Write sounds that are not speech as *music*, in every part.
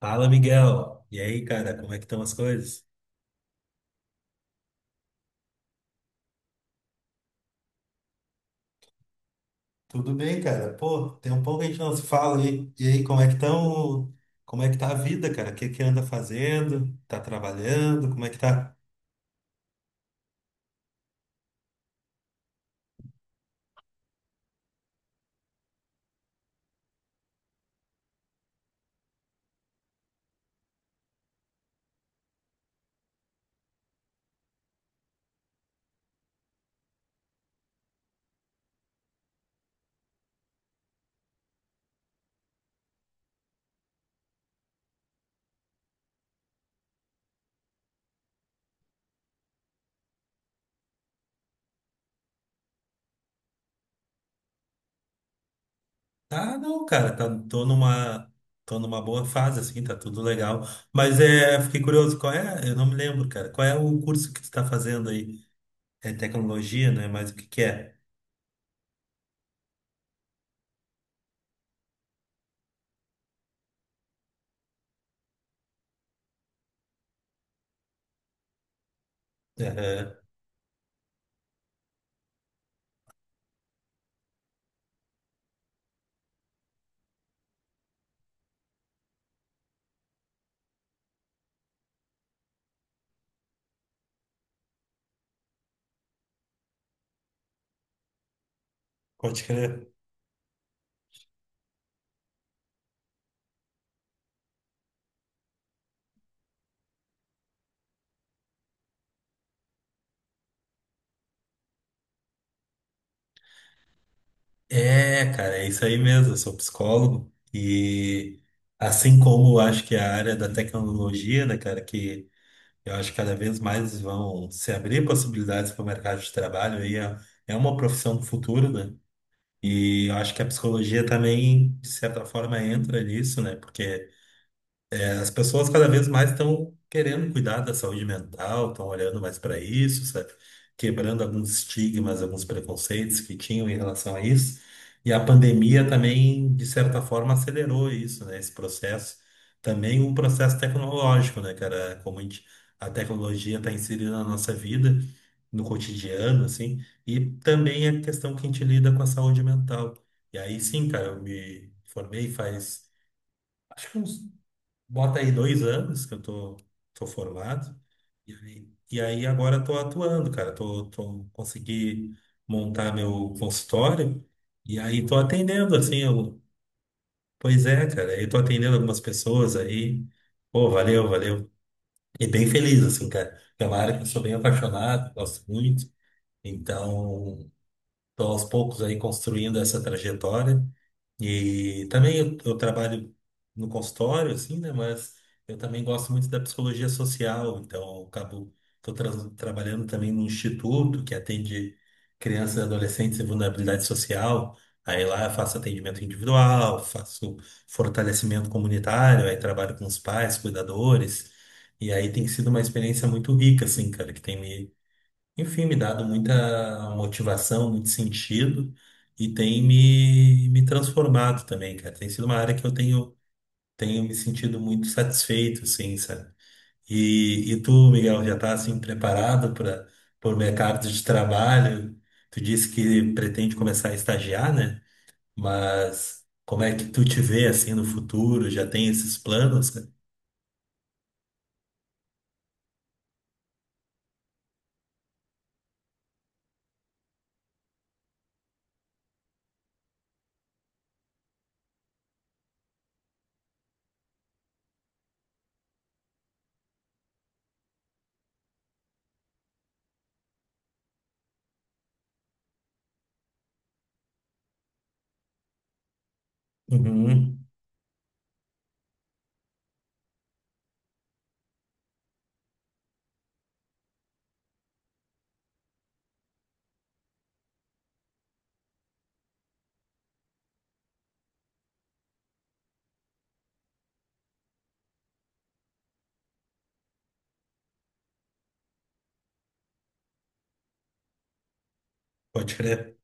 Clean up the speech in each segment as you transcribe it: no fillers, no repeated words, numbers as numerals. Fala, Miguel. E aí, cara, como é que estão as coisas? Tudo bem, cara? Pô, tem um pouco que a gente não se fala aí. E aí, como é que estão? Como é que tá a vida, cara? O que que anda fazendo? Tá trabalhando? Como é que tá? Tá, não, cara, tá, tô numa boa fase, assim, tá tudo legal. Mas é, fiquei curioso, qual é? Eu não me lembro, cara. Qual é o curso que tu tá fazendo aí? É tecnologia, né? Mas o que que é? Aham. Pode crer. É, cara, é isso aí mesmo. Eu sou psicólogo e assim como eu acho que a área da tecnologia, né, cara, que eu acho que cada vez mais vão se abrir possibilidades para o mercado de trabalho aí é, é uma profissão do futuro, né? E eu acho que a psicologia também, de certa forma, entra nisso, né? Porque as pessoas cada vez mais estão querendo cuidar da saúde mental, estão olhando mais para isso, sabe? Quebrando alguns estigmas, alguns preconceitos que tinham em relação a isso. E a pandemia também, de certa forma, acelerou isso, né? Esse processo. Também um processo tecnológico, né, cara? Como a gente, a tecnologia está inserida na nossa vida, no cotidiano, assim. E também a questão que a gente lida com a saúde mental. E aí sim, cara, eu me formei faz, acho que uns, bota aí dois anos que eu tô, tô formado. E aí agora tô atuando, cara. Tô consegui montar meu consultório e aí tô atendendo, assim, eu, pois é, cara, eu tô atendendo algumas pessoas aí. Pô, valeu. E bem feliz, assim, cara. É uma área que eu sou bem apaixonado, gosto muito. Então, tô aos poucos aí construindo essa trajetória. E também eu trabalho no consultório, assim, né? Mas eu também gosto muito da psicologia social, então eu acabo, tô tra- trabalhando também no instituto que atende crianças e adolescentes em vulnerabilidade social. Aí lá eu faço atendimento individual, faço fortalecimento comunitário, aí trabalho com os pais, cuidadores. E aí tem sido uma experiência muito rica, assim, cara, que tem me, enfim, me dado muita motivação, muito sentido e tem me transformado também, cara. Tem sido uma área que eu tenho me sentido muito satisfeito, assim, sabe? E tu, Miguel, já tá assim preparado para o mercado de trabalho? Tu disse que pretende começar a estagiar, né? Mas como é que tu te vê assim no futuro? Já tem esses planos, cara? Uhum. Pode crer,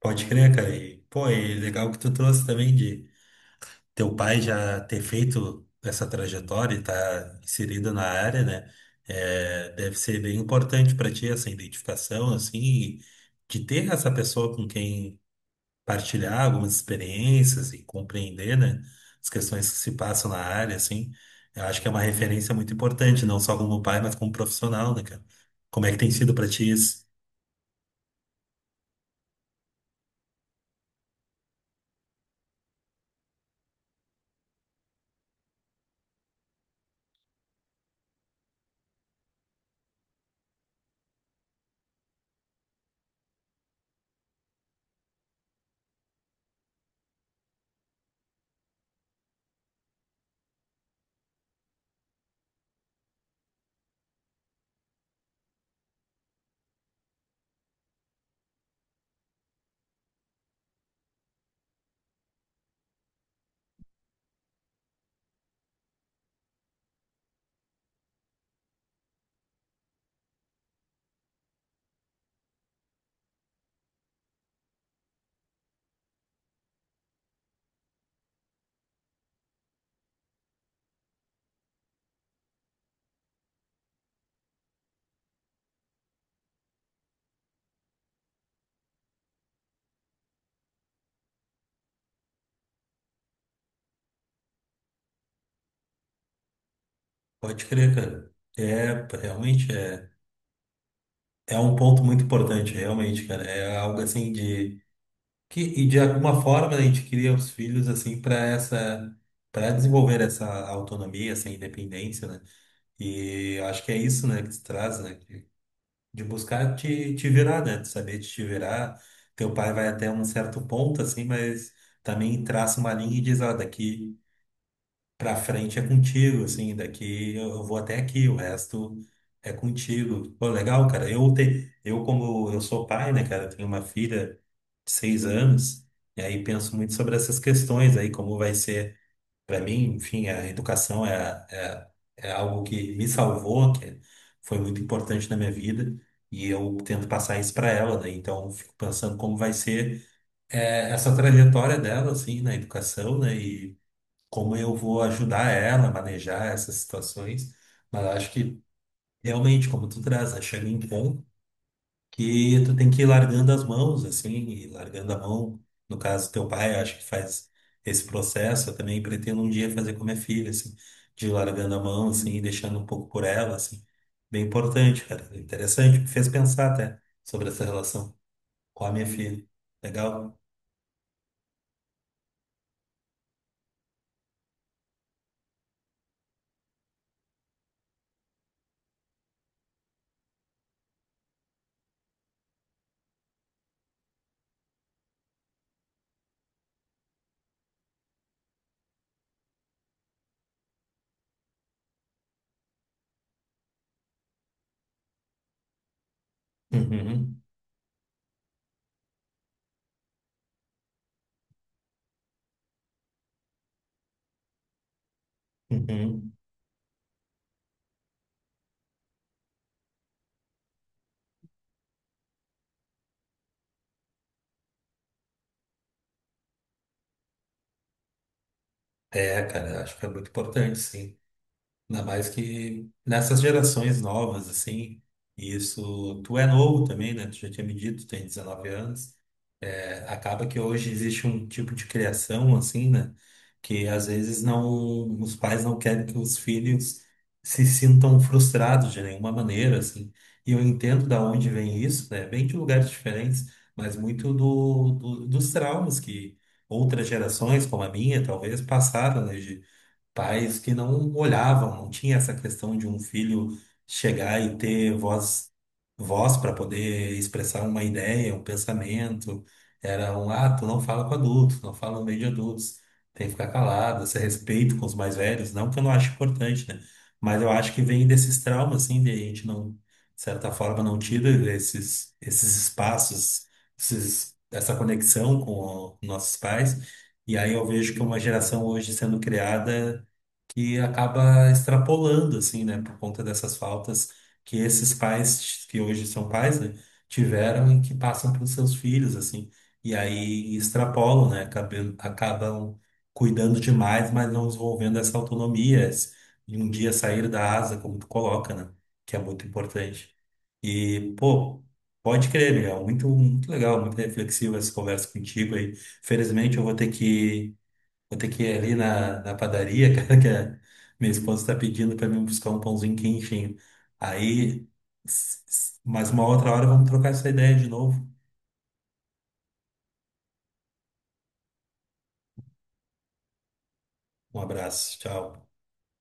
pode crer, cara. E, pô, e legal que tu trouxe também de teu pai já ter feito essa trajetória e estar inserido na área, né? É, deve ser bem importante para ti essa identificação, assim, de ter essa pessoa com quem partilhar algumas experiências e compreender, né? As questões que se passam na área, assim. Eu acho que é uma referência muito importante, não só como pai, mas como profissional, né, cara? Como é que tem sido para ti isso? Pode crer, cara. É, realmente é. É um ponto muito importante, realmente, cara. É algo assim de que, e de alguma forma a gente cria os filhos assim para essa, para desenvolver essa autonomia, essa independência, né? E eu acho que é isso, né, que se traz, né, que- de buscar te virar, né, de saber te virar. Teu pai vai até um certo ponto assim, mas também traça uma linha e diz, ó, daqui pra frente é contigo, assim, daqui eu vou até aqui, o resto é contigo. Pô, legal, cara. Eu como eu sou pai, né, cara, eu tenho uma filha de seis anos, e aí penso muito sobre essas questões aí, como vai ser para mim, enfim, a educação é algo que me salvou, que foi muito importante na minha vida. E eu tento passar isso para ela, né? Então, eu fico pensando como vai ser é, essa trajetória dela, assim, na educação, né? Como eu vou ajudar ela a manejar essas situações. Mas eu acho que realmente, como tu traz, né? Chega em ponto que tu tem que ir largando as mãos, assim, e largando a mão. No caso, teu pai, eu acho que faz esse processo. Eu também pretendo um dia fazer com minha filha, assim, de ir largando a mão, assim, e deixando um pouco por ela, assim. Bem importante, cara. É interessante, me fez pensar até sobre essa relação com a minha filha. Legal? Uhum, uhum. É, cara, eu acho que é muito importante, sim. Ainda mais que nessas gerações novas, assim, e isso, tu é novo também, né? Tu já tinha me dito, tu tem 19 anos. É, acaba que hoje existe um tipo de criação, assim, né? Que às vezes não, os pais não querem que os filhos se sintam frustrados de nenhuma maneira, assim. E eu entendo da onde vem isso, né? Vem de lugares diferentes, mas muito do- dos traumas que outras gerações, como a minha, talvez, passaram, né? Pais que não olhavam, não tinha essa questão de um filho chegar e ter voz, voz para poder expressar uma ideia, um pensamento. Era um, ah, tu não fala com adultos, não fala no meio de adultos, tem que ficar calado, esse respeito com os mais velhos, não que eu não acho importante, né? Mas eu acho que vem desses traumas, assim, de a gente não, de certa forma, não tira esses, esses espaços, esses, essa conexão com o- nossos pais. E aí eu vejo que uma geração hoje sendo criada que acaba extrapolando, assim, né, por conta dessas faltas que esses pais, que hoje são pais, né, tiveram e que passam para os seus filhos, assim, e aí extrapolam, né, acabam cuidando demais, mas não desenvolvendo essa autonomia, esse- de um dia sair da asa, como tu coloca, né, que é muito importante. E, pô, pode crer, Miguel, muito legal, muito reflexiva essa conversa contigo aí. Felizmente eu vou ter que, vou ter que ir ali na, na padaria, *laughs* cara, que a minha esposa está pedindo para mim buscar um pãozinho quentinho. Aí, s- s- mais uma outra hora, vamos trocar essa ideia de novo. Um abraço, tchau.